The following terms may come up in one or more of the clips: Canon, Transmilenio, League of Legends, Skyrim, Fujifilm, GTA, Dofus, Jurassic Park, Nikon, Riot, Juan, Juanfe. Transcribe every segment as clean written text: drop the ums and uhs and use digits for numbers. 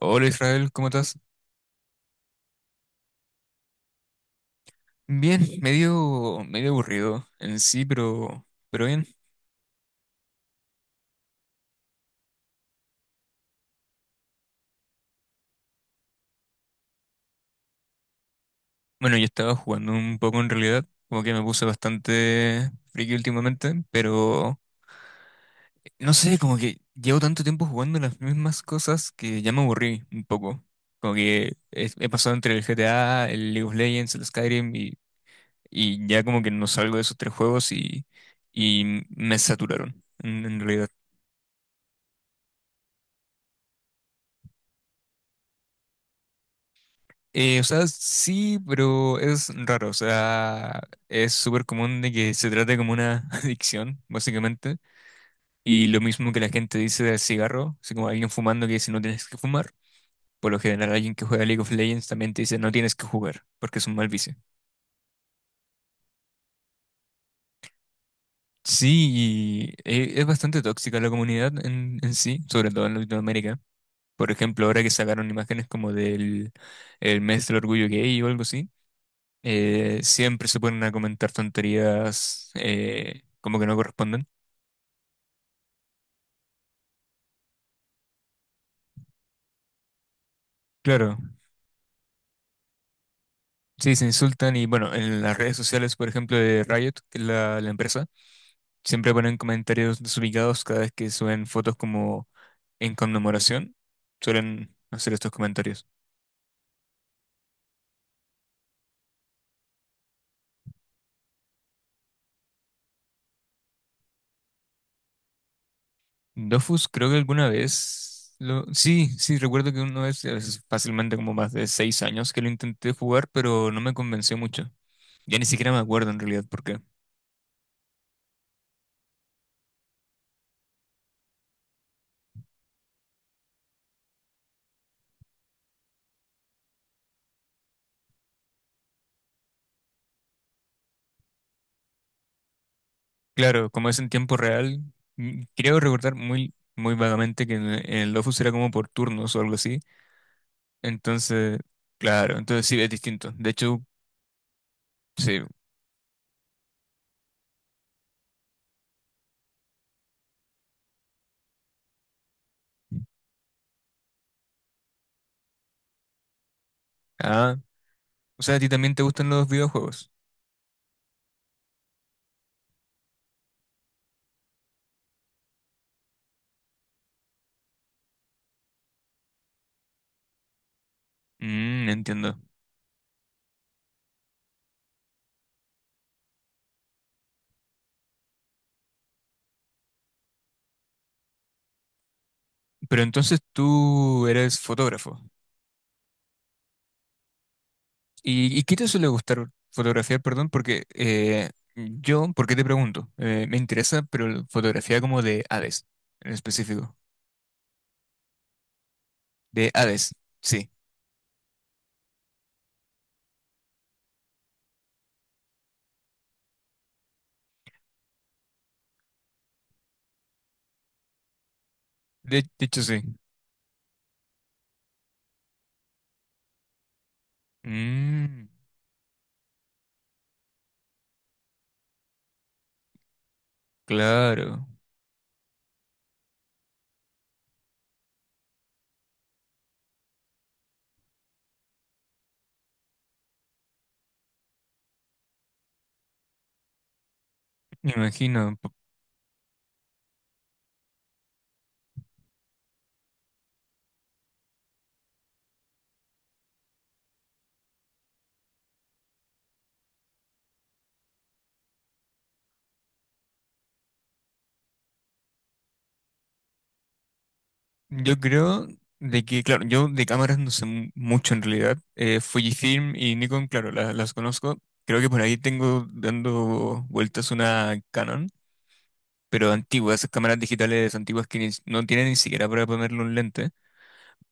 Hola Israel, ¿cómo estás? Bien, medio aburrido en sí, pero bien. Bueno, yo estaba jugando un poco en realidad, como que me puse bastante friki últimamente, pero no sé, como que llevo tanto tiempo jugando las mismas cosas que ya me aburrí un poco. Como que he pasado entre el GTA, el League of Legends, el Skyrim y ya como que no salgo de esos tres juegos y me saturaron en realidad. O sea, sí, pero es raro. O sea, es súper común de que se trate como una adicción, básicamente. Y lo mismo que la gente dice del cigarro, así como alguien fumando que dice no tienes que fumar. Por lo general, alguien que juega League of Legends también te dice no tienes que jugar, porque es un mal vicio. Sí, y es bastante tóxica la comunidad en sí, sobre todo en Latinoamérica. Por ejemplo, ahora que sacaron imágenes como del el mes del orgullo gay o algo así, siempre se ponen a comentar tonterías, como que no corresponden. Claro, sí, se insultan y bueno, en las redes sociales, por ejemplo, de Riot, que es la empresa, siempre ponen comentarios desubicados cada vez que suben fotos como en conmemoración, suelen hacer estos comentarios. Dofus, creo que alguna vez lo... Sí, sí, recuerdo que una vez, es fácilmente como más de 6 años que lo intenté jugar, pero no me convenció mucho. Ya ni siquiera me acuerdo en realidad por qué. Claro, como es en tiempo real, creo recordar muy, muy vagamente que en el Dofus era como por turnos o algo así. Entonces, claro, entonces sí, es distinto. De hecho, sí. Ah, o sea, a ti también te gustan los videojuegos. Entiendo. Pero entonces tú eres fotógrafo. ¿Y qué te suele gustar fotografiar, perdón? Porque yo, ¿por qué te pregunto? Me interesa, pero la fotografía como de aves, en específico. De aves, sí. De hecho, sí. Mm. Claro, me imagino. Yo creo de que, claro, yo de cámaras no sé mucho en realidad. Fujifilm y Nikon, claro, las conozco. Creo que por ahí tengo dando vueltas una Canon, pero antigua, esas cámaras digitales antiguas que no tienen ni siquiera para ponerle un lente.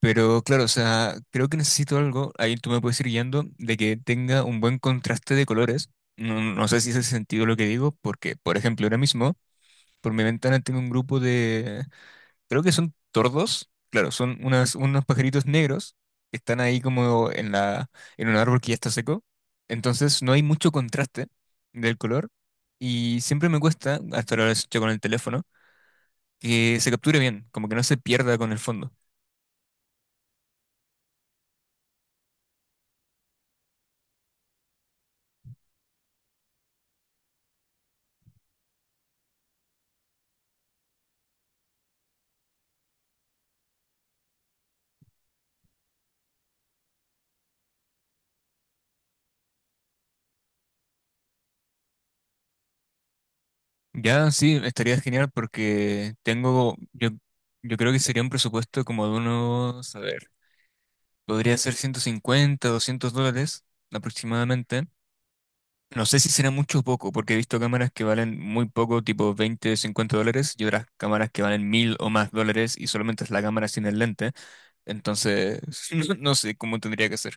Pero claro, o sea, creo que necesito algo, ahí tú me puedes ir guiando, de que tenga un buen contraste de colores. No sé si hace sentido lo que digo, porque, por ejemplo, ahora mismo, por mi ventana tengo un grupo, creo que son tordos, claro, son unos pajaritos negros que están ahí como en un árbol que ya está seco. Entonces no hay mucho contraste del color y siempre me cuesta, hasta ahora lo he hecho con el teléfono, que se capture bien, como que no se pierda con el fondo. Ya sí, estaría genial porque yo creo que sería un presupuesto como de unos, a ver, podría ser 150, $200 aproximadamente. No sé si será mucho o poco, porque he visto cámaras que valen muy poco, tipo 20, 50 dólares, y otras cámaras que valen mil o más dólares y solamente es la cámara sin el lente. Entonces, no, no sé cómo tendría que ser.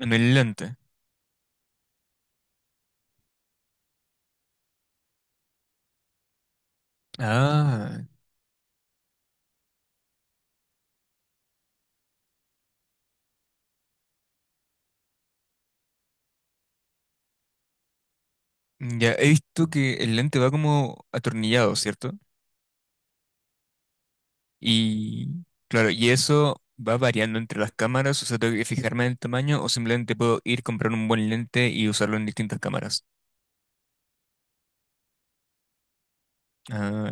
En el lente. Ah, ya he visto que el lente va como atornillado, ¿cierto? Y claro, y eso va variando entre las cámaras, o sea, tengo que fijarme en el tamaño o simplemente puedo ir comprar un buen lente y usarlo en distintas cámaras. Ah,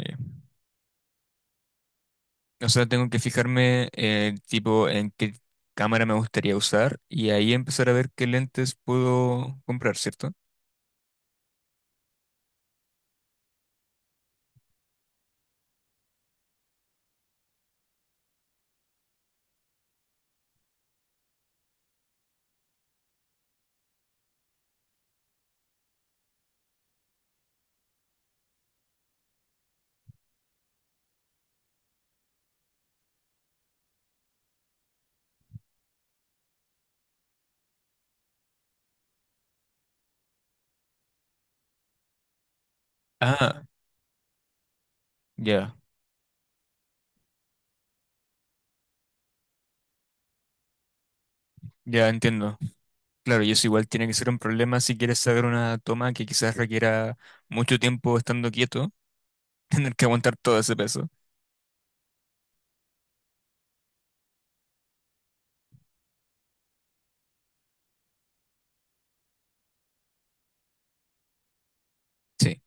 o sea, tengo que fijarme, tipo en qué cámara me gustaría usar y ahí empezar a ver qué lentes puedo comprar, ¿cierto? Ah, ya, ya entiendo. Claro, y eso igual tiene que ser un problema si quieres sacar una toma que quizás requiera mucho tiempo estando quieto, tener que aguantar todo ese peso. Sí.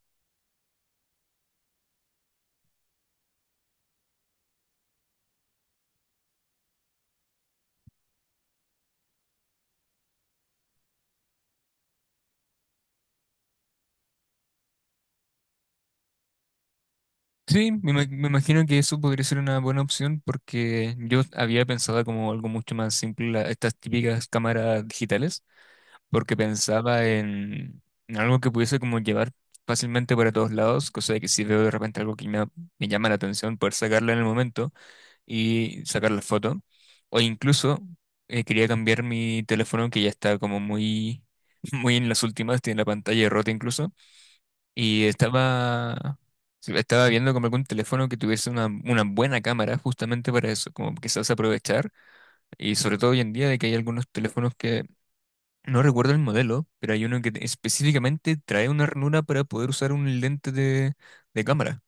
Sí, me imagino que eso podría ser una buena opción porque yo había pensado como algo mucho más simple, estas típicas cámaras digitales. Porque pensaba en algo que pudiese como llevar fácilmente para todos lados, cosa de que si veo de repente algo que me llama la atención, poder sacarlo en el momento y sacar la foto. O incluso quería cambiar mi teléfono que ya está como muy, muy en las últimas, tiene la pantalla rota incluso, y estaba... Sí, estaba viendo como algún teléfono que tuviese una buena cámara justamente para eso, como quizás aprovechar. Y sobre todo hoy en día de que hay algunos teléfonos que no recuerdo el modelo, pero hay uno que específicamente trae una ranura para poder usar un lente de cámara.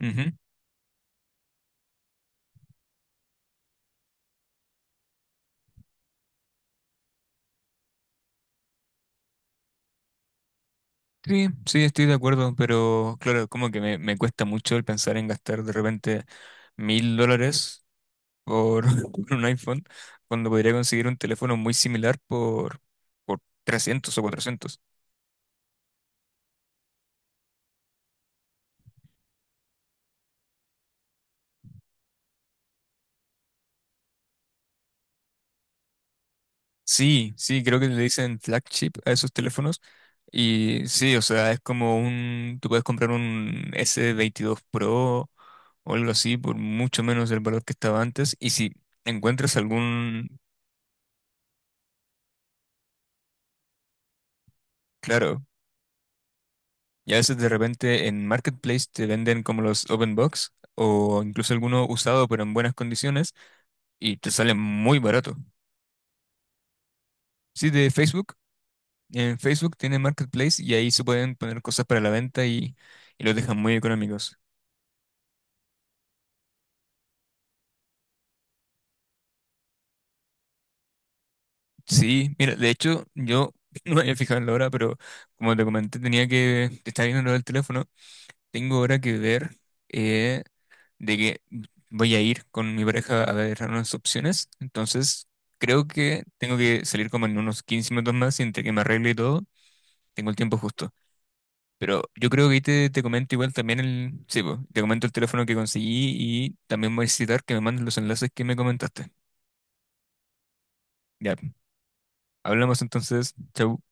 Ujú. Sí, sí, estoy de acuerdo, pero claro, como que me cuesta mucho el pensar en gastar de repente $1000 por, por un iPhone, cuando podría conseguir un teléfono muy similar por 300 o 400. Sí, sí, creo que le dicen flagship a esos teléfonos. Y sí, o sea, es como tú puedes comprar un S22 Pro o algo así por mucho menos el valor que estaba antes. Y si encuentras claro, y a veces de repente en Marketplace te venden como los Open Box o incluso alguno usado pero en buenas condiciones y te sale muy barato. Sí, de Facebook. En Facebook tiene Marketplace y ahí se pueden poner cosas para la venta y los dejan muy económicos. Sí, mira, de hecho, yo no me había fijado en la hora, pero como te comenté, tenía que estar viendo lo del teléfono. Tengo ahora que ver, eh, de que voy a ir con mi pareja a ver unas opciones. Entonces, creo que tengo que salir como en unos 15 minutos más y entre que me arregle y todo, tengo el tiempo justo. Pero yo creo que ahí te comento igual también Sí, po, te comento el teléfono que conseguí y también voy a necesitar que me mandes los enlaces que me comentaste. Ya, hablamos entonces. Chau.